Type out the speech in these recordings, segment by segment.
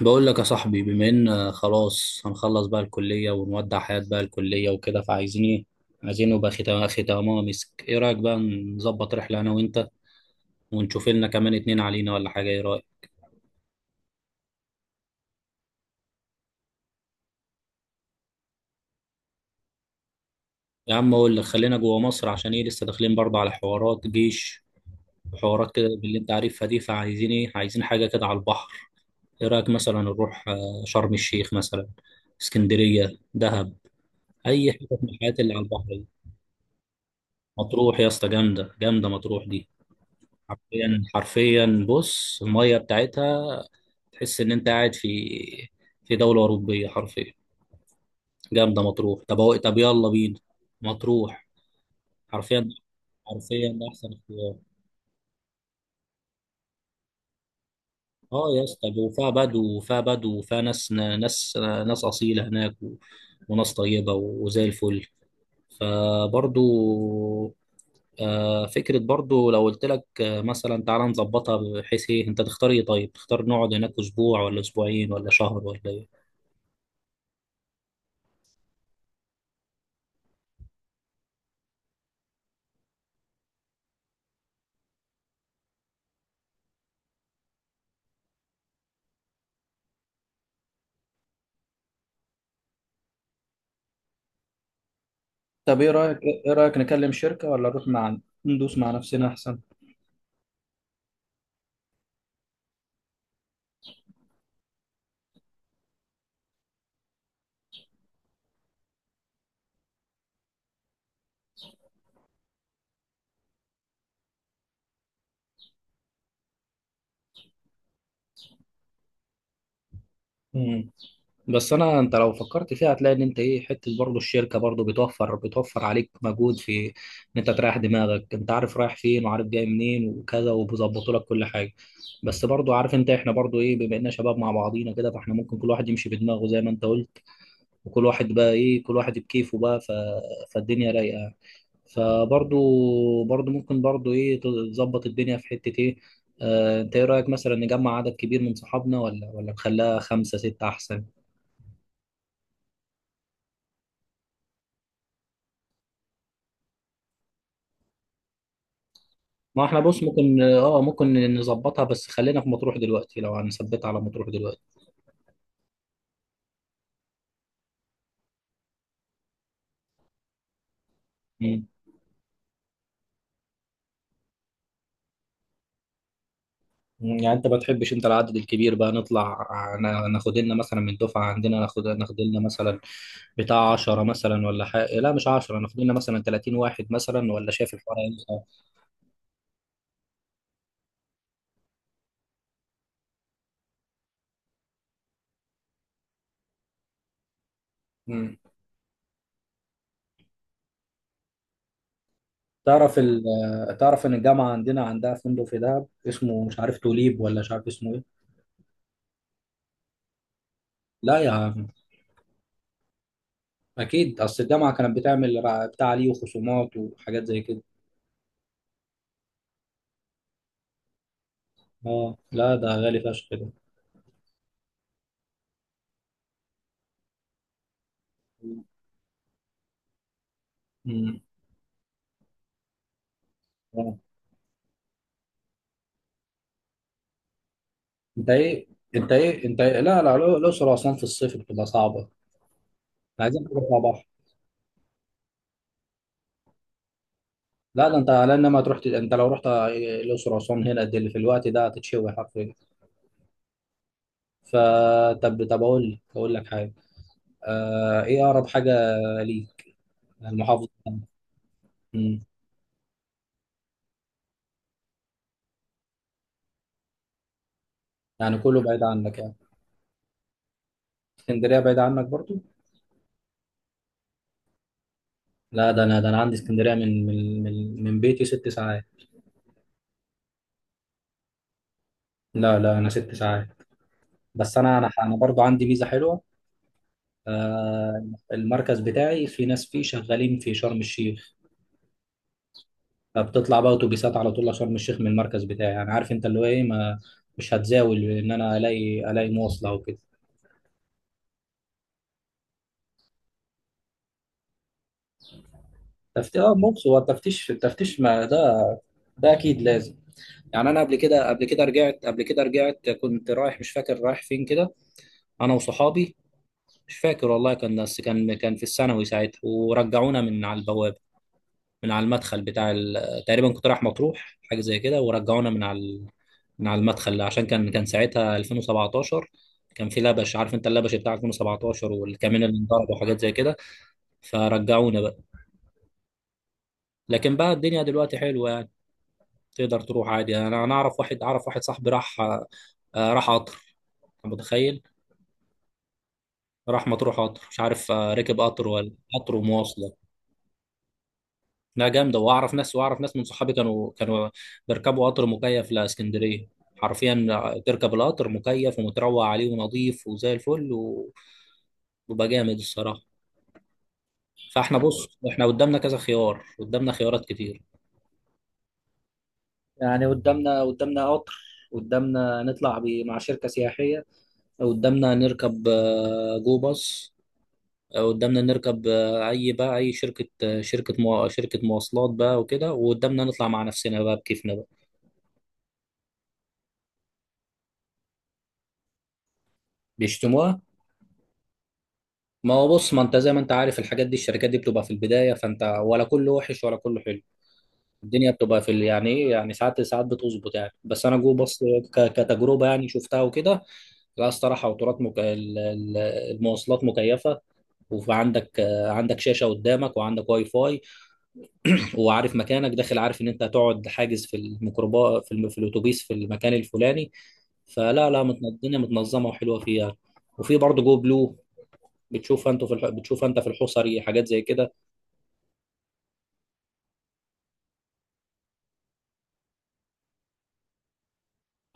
بقول لك يا صاحبي، بما ان خلاص هنخلص بقى الكلية ونودع حياة بقى الكلية وكده، فعايزين ايه؟ عايزين نبقى ختام اخي تمام مسك. ايه رأيك بقى نظبط رحلة انا وانت ونشوف لنا كمان اتنين علينا ولا حاجة؟ ايه رأيك؟ يا عم اقول لك خلينا جوه مصر، عشان ايه؟ لسه داخلين برضه على حوارات جيش وحوارات كده باللي انت عارفها دي، فعايزين ايه؟ عايزين حاجة كده على البحر. ايه رأيك مثلا نروح شرم الشيخ مثلا؟ اسكندرية، دهب، اي حتة من الحاجات اللي على البحر دي. مطروح يا اسطى، جامدة جامدة مطروح دي. حرفيا حرفيا بص الميه بتاعتها، تحس ان انت قاعد في دوله اوروبيه حرفيا. جامده مطروح، طب يلا بينا. مطروح. حرفيا حرفيا ده احسن اختيار. اه يا اسطى، وفيها ناس، ناس ناس اصيله هناك و... وناس طيبه وزي الفل، فبرضو فكرة برضو. لو قلت لك مثلا، تعالى نظبطها بحيث ايه، انت تختار ايه؟ طيب تختار نقعد هناك اسبوع ولا اسبوعين ولا شهر ولا ايه؟ طب ايه رايك، نكلم شركه ولا نروح مع ندوس مع نفسنا احسن؟ مم. بس انا، انت لو فكرت فيها هتلاقي ان انت ايه، حته برضه الشركه برضه بتوفر عليك مجهود، في ان انت تريح دماغك. انت عارف رايح فين وعارف جاي منين وكذا، وبيظبطوا لك كل حاجه. بس برضه عارف انت، احنا برضه ايه، بما اننا شباب مع بعضينا كده فاحنا ممكن كل واحد يمشي بدماغه زي ما انت قلت، وكل واحد بقى ايه، كل واحد بكيفه بقى ف... فالدنيا رايقه يعني. فبرضو برضو ممكن برضو ايه، تظبط الدنيا في حتة ايه. انت ايه رأيك مثلا نجمع عدد كبير من صحابنا ولا نخليها خمسة ستة احسن؟ ما احنا بص ممكن، ممكن نظبطها، بس خلينا في مطروح دلوقتي، لو هنثبتها على مطروح دلوقتي. مم. يعني انت ما بتحبش انت العدد الكبير بقى نطلع ناخد لنا مثلا من الدفعة عندنا، ناخد لنا مثلا بتاع 10 مثلا ولا حاجة، لا مش 10، ناخد لنا مثلا 30 واحد مثلا، ولا شايف الحوار هيمشي؟ تعرف ال... تعرف ان الجامعه عندنا عندها فندق في دهب اسمه مش عارف توليب، ولا مش عارف اسمه ايه. لا يا عم اكيد، اصل الجامعه كانت بتعمل بتاع عليه وخصومات وحاجات زي كده. اه لا ده غالي فشخ كده. امم آه. انت ايه انت إيه؟ لا لا الاقصر واسوان في الصيف بتبقى صعبه، عايزين تروح على بحر. لا ده انت على انما تروح انت لو رحت الاقصر واسوان هنا دل في الوقت ده هتتشوي حرفيا. فطب اقول لك، حاجه. ايه اقرب حاجه ليك المحافظه؟ مم. يعني كله بعيد عنك يعني؟ اسكندرية بعيد عنك برضو؟ لا، ده انا عندي اسكندرية من بيتي 6 ساعات. لا لا، انا 6 ساعات. بس انا برضو عندي ميزة حلوة. آه المركز بتاعي في ناس فيه شغالين في شرم الشيخ، فبتطلع بقى اتوبيسات على طول لشرم الشيخ من المركز بتاعي. يعني عارف انت اللي هو ايه، ما مش هتزاول ان انا الاقي مواصلة وكده. تفتيش، اه بص هو التفتيش، ما ده، ده اكيد لازم. يعني انا قبل كده رجعت كنت رايح، مش فاكر رايح فين كده، انا وصحابي. مش فاكر والله، كان بس كان في الثانوي ساعتها، ورجعونا من على البوابه، من على المدخل بتاع ال... تقريبا كنت رايح مطروح حاجه زي كده، ورجعونا من على ال... من على المدخل، عشان كان ساعتها 2017. كان في لبش، عارف انت اللبش بتاع 2017 والكمين اللي انضرب وحاجات زي كده، فرجعونا بقى. لكن بقى الدنيا دلوقتي حلوه يعني، تقدر تروح عادي. انا اعرف واحد، صاحبي راح، راح قطر، أنت متخيل؟ راح مطروح قطر مش عارف، ركب قطر ولا قطر ومواصله. لا جامده، واعرف ناس من صحابي كانوا بيركبوا قطر مكيف لاسكندريه حرفيا. تركب القطر مكيف ومتروق عليه ونظيف وزي الفل، وبيبقى جامد الصراحه. فاحنا بص، احنا قدامنا كذا خيار، قدامنا خيارات كتير يعني. قدامنا قطر، قدامنا نطلع مع شركة سياحية، قدامنا نركب جو باص، قدامنا نركب اي بقى، اي شركه شركه مواصلات بقى وكده، وقدامنا نطلع مع نفسنا بقى بكيفنا بقى. بيشتموها. ما هو بص، ما انت زي ما انت عارف الحاجات دي، الشركات دي بتبقى في البدايه، فانت ولا كله وحش ولا كله حلو. الدنيا بتبقى في يعني ايه يعني، ساعات ساعات بتظبط يعني، بس انا جو بص كتجربه يعني شفتها وكده. لا الصراحه وترات المواصلات مكيفه، عندك شاشه قدامك وعندك واي فاي، وعارف مكانك داخل، عارف ان انت هتقعد حاجز في في الاتوبيس في المكان الفلاني. فلا لا الدنيا متنظمه وحلوه فيها. وفي برضه جو بلو، بتشوف انت في الحصري حاجات زي كده.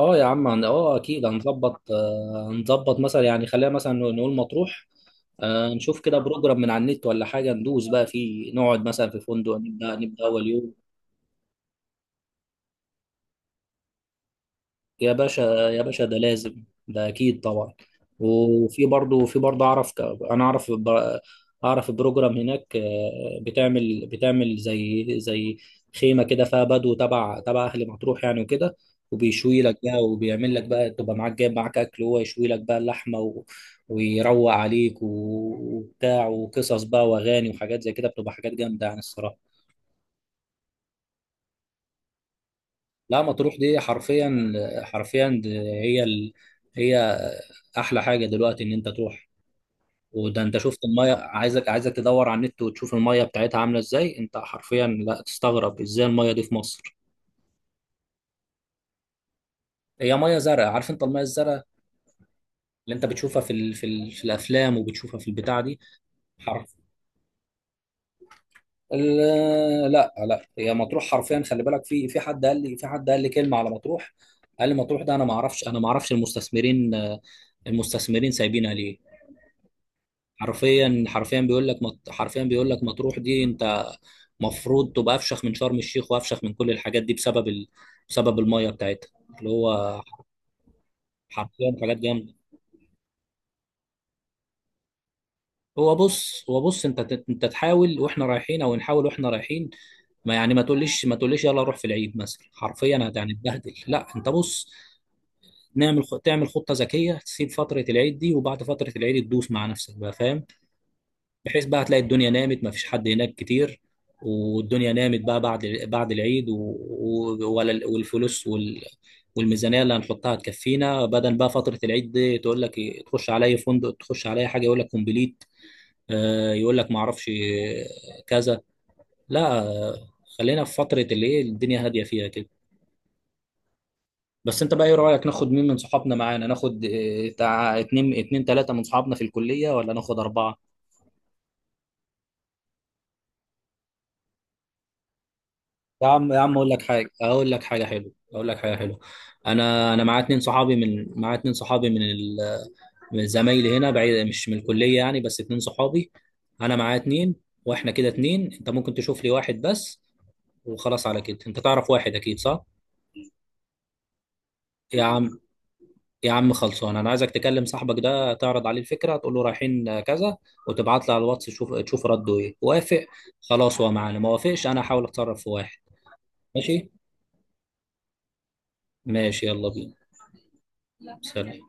اه يا عم اه اكيد هنظبط، مثلا، يعني خلينا مثلا نقول مطروح، نشوف كده بروجرام من على النت ولا حاجه، ندوس بقى فيه، نقعد مثلا في فندق، نبدا اول يوم. يا باشا، يا باشا ده لازم، ده اكيد طبعا. وفي برضه في برضه اعرف انا اعرف اعرف بروجرام هناك، بتعمل زي خيمه كده فيها بدو تبع اهل مطروح يعني وكده، وبيشوي لك بقى وبيعمل لك بقى، تبقى معاك جايب معاك اكل وهو يشوي لك بقى اللحمه و... ويروق عليك وبتاع، وقصص بقى واغاني وحاجات زي كده، بتبقى حاجات جامده يعني الصراحه. لا مطروح دي حرفيا، حرفيا دي هي ال... هي احلى حاجه دلوقتي ان انت تروح. وده انت شفت الميه، عايزك تدور على النت وتشوف الميه بتاعتها عامله ازاي، انت حرفيا لا تستغرب ازاي الميه دي في مصر. هي ميه زرقاء، عارف انت الميه الزرقاء اللي انت بتشوفها في ال... في, ال... في الافلام وبتشوفها في البتاع دي. حرف ال... لا لا هي مطروح حرفيا، خلي بالك، في في حد قال لي، كلمه على مطروح، قال لي مطروح ده انا ما اعرفش، المستثمرين، المستثمرين سايبينها ليه. حرفيا حرفيا حرفيا بيقول لك مطروح دي، انت مفروض تبقى افشخ من شرم الشيخ وافشخ من كل الحاجات دي، بسبب ال... بسبب الميه بتاعتها، اللي هو، حرفيا حاجات جامده. هو بص انت انت تحاول واحنا رايحين، او نحاول واحنا رايحين. ما يعني، ما تقوليش يلا روح في العيد مثلا، حرفيا هنتبهدل. لا انت بص، تعمل خطه ذكيه، تسيب فتره العيد دي وبعد فتره العيد تدوس مع نفسك بقى، فاهم؟ بحيث بقى هتلاقي الدنيا نامت، ما فيش حد هناك كتير، والدنيا نامت بقى بعد العيد والفلوس وال... والميزانية اللي هنحطها تكفينا، بدل بقى فترة العيد دي تقول لك إيه، تخش عليا فندق، تخش عليا حاجة، يقول لك كومبليت. يقول لك ما اعرفش كذا. لا خلينا في فترة اللي ايه الدنيا هادية فيها كده. بس انت بقى ايه رأيك، ناخد مين من صحابنا معانا؟ ناخد بتاع اتنين، اتنين تلاتة من صحابنا في الكلية، ولا ناخد أربعة؟ يا عم يا عم اقول لك حاجه، اقول لك حاجه حلوه. انا انا معايا اتنين صحابي من، معايا اتنين صحابي من ال... من زمايلي هنا بعيد، مش من الكليه يعني، بس اتنين صحابي. انا معايا اتنين، واحنا كده اتنين، انت ممكن تشوف لي واحد بس وخلاص، على كده انت تعرف واحد اكيد صح؟ يا عم يا عم خلصان، انا عايزك تكلم صاحبك ده، تعرض عليه الفكره، تقول له رايحين كذا، وتبعت لي على الواتس، تشوف رده ايه. وافق خلاص هو معانا، ما وافقش انا هحاول اتصرف في واحد. ماشي. ماشي يلا بينا. سلام.